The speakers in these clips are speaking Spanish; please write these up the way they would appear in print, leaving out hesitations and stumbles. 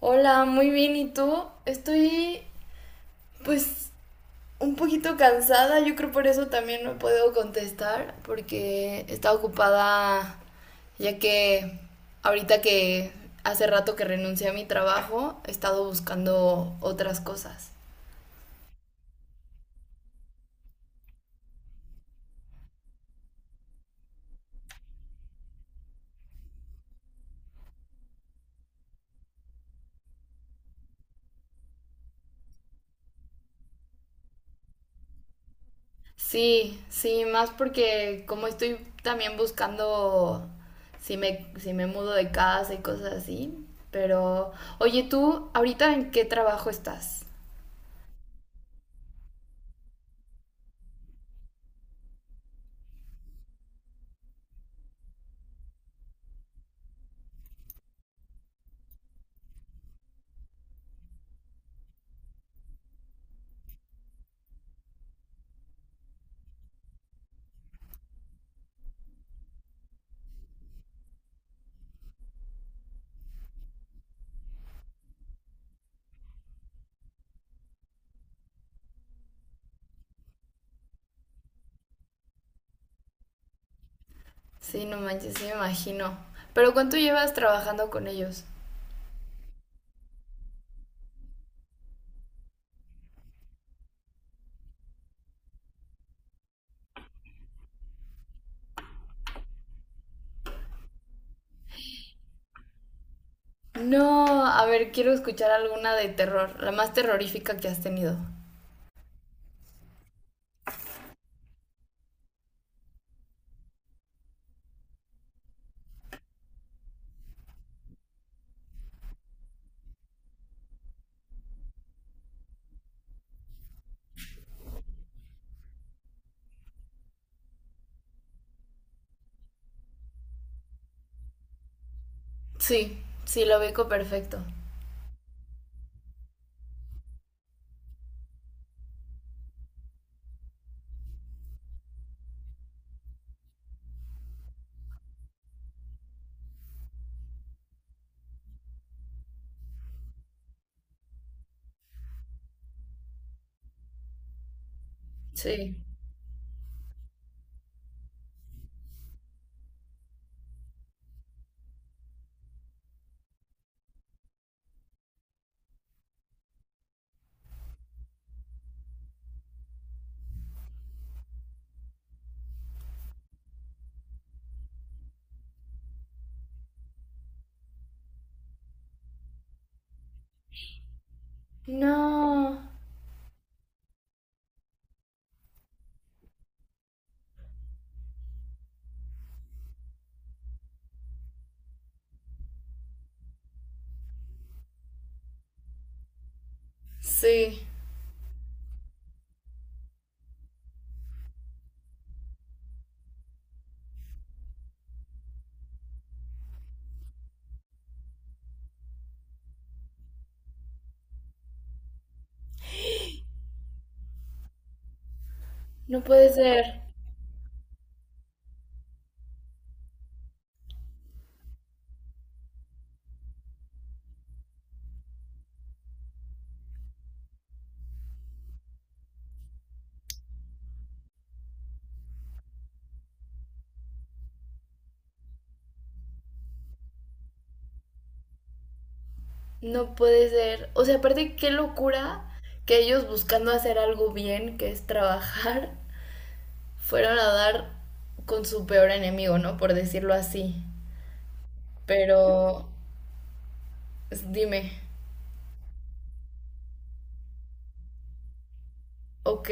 Hola, muy bien, ¿y tú? Estoy, pues, un poquito cansada, yo creo por eso también no puedo contestar, porque está ocupada ya que ahorita que hace rato que renuncié a mi trabajo, he estado buscando otras cosas. Sí, sí, más porque como estoy también buscando si me mudo de casa y cosas así, pero oye, ¿tú ahorita en qué trabajo estás? Sí, no manches, sí me imagino. Pero ¿cuánto llevas trabajando con ellos? No, a ver, quiero escuchar alguna de terror, la más terrorífica que has tenido. Sí, sí, lo ubico perfecto. Sí. No, sí. No puede ser, no puede ser. O sea, aparte, qué locura que ellos buscando hacer algo bien, que es trabajar, fueron a dar con su peor enemigo, ¿no? Por decirlo así. Pero, dime. Ok.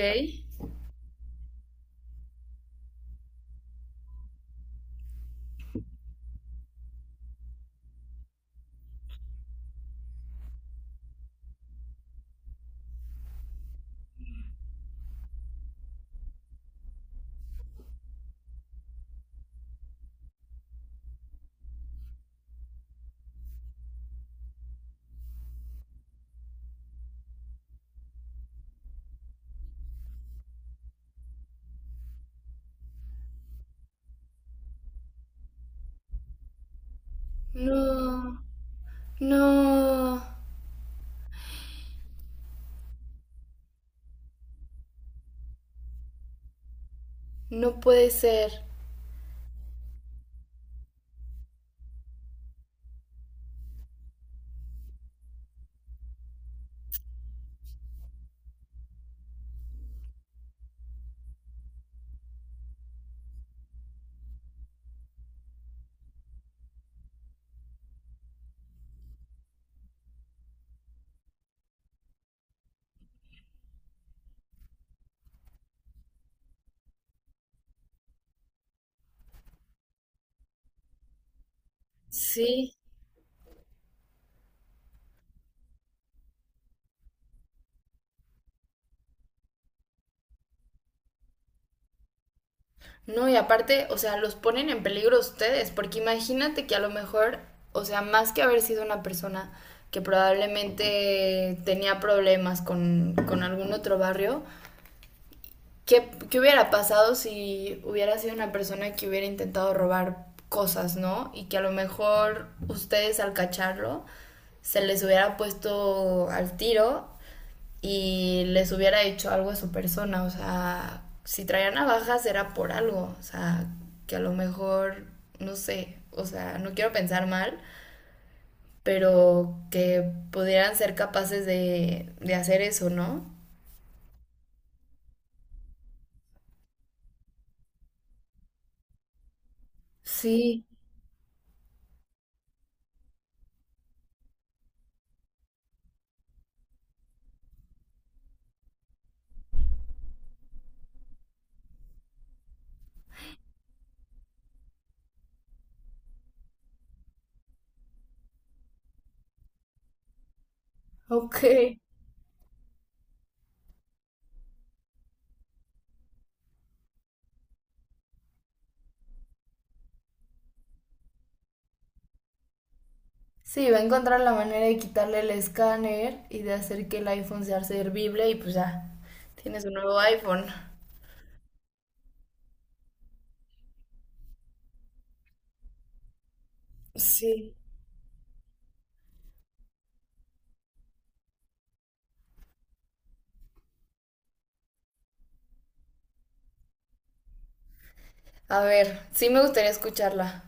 No, no, no puede ser. Sí. No, y aparte, o sea, los ponen en peligro a ustedes, porque imagínate que a lo mejor, o sea, más que haber sido una persona que probablemente tenía problemas con algún otro barrio, ¿qué, qué hubiera pasado si hubiera sido una persona que hubiera intentado robar cosas, ¿no? Y que a lo mejor ustedes al cacharlo se les hubiera puesto al tiro y les hubiera hecho algo a su persona. O sea, si traía navajas era por algo. O sea, que a lo mejor, no sé, o sea, no quiero pensar mal, pero que pudieran ser capaces de hacer eso, ¿no? Sí, ok. Sí, va a encontrar la manera de quitarle el escáner y de hacer que el iPhone sea servible y pues ya, tienes un nuevo iPhone. Sí. A ver, sí me gustaría escucharla.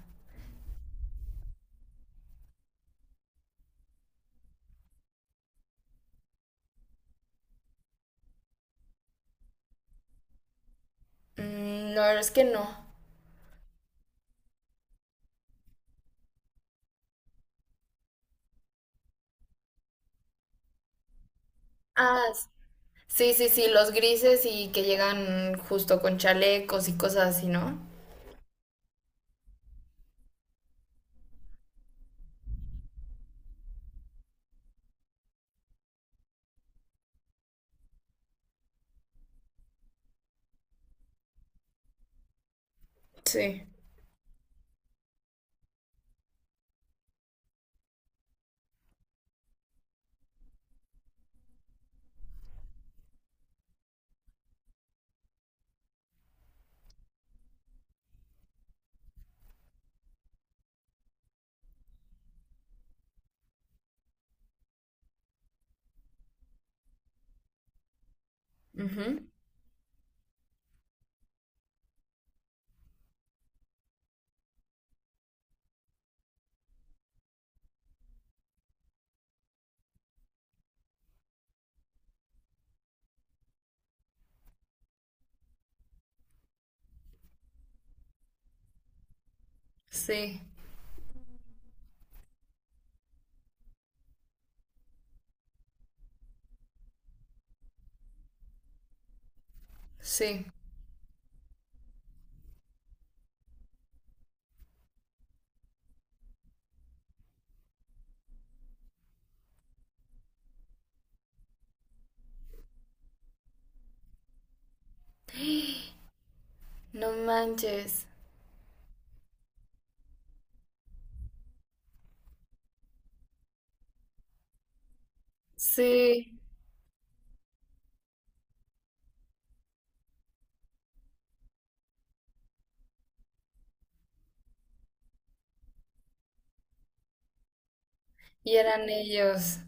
Mm, no, es que no. Ah, sí, sí, sí, los grises y que llegan justo con chalecos y cosas así, ¿no? Sí. Ujú. Sí, sí. No manches. Sí, y eran ellos.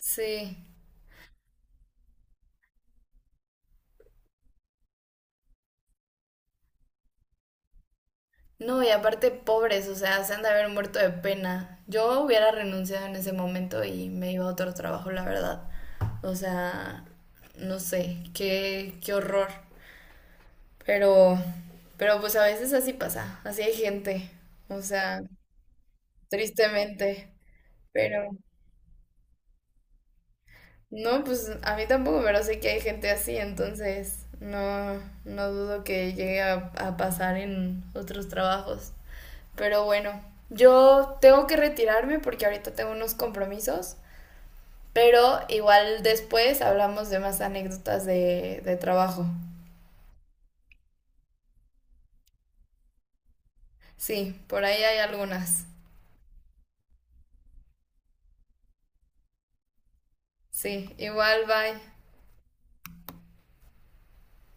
Sí. No, y aparte pobres, o sea, se han de haber muerto de pena. Yo hubiera renunciado en ese momento y me iba a otro trabajo, la verdad. O sea, no sé, qué, qué horror. Pero, pero pues a veces así pasa, así hay gente. O sea, tristemente. Pero no, pues a mí tampoco, pero sé que hay gente así, entonces no, no dudo que llegue a pasar en otros trabajos. Pero bueno, yo tengo que retirarme porque ahorita tengo unos compromisos, pero igual después hablamos de más anécdotas de trabajo. Sí, por ahí hay algunas. Sí, igual, bye.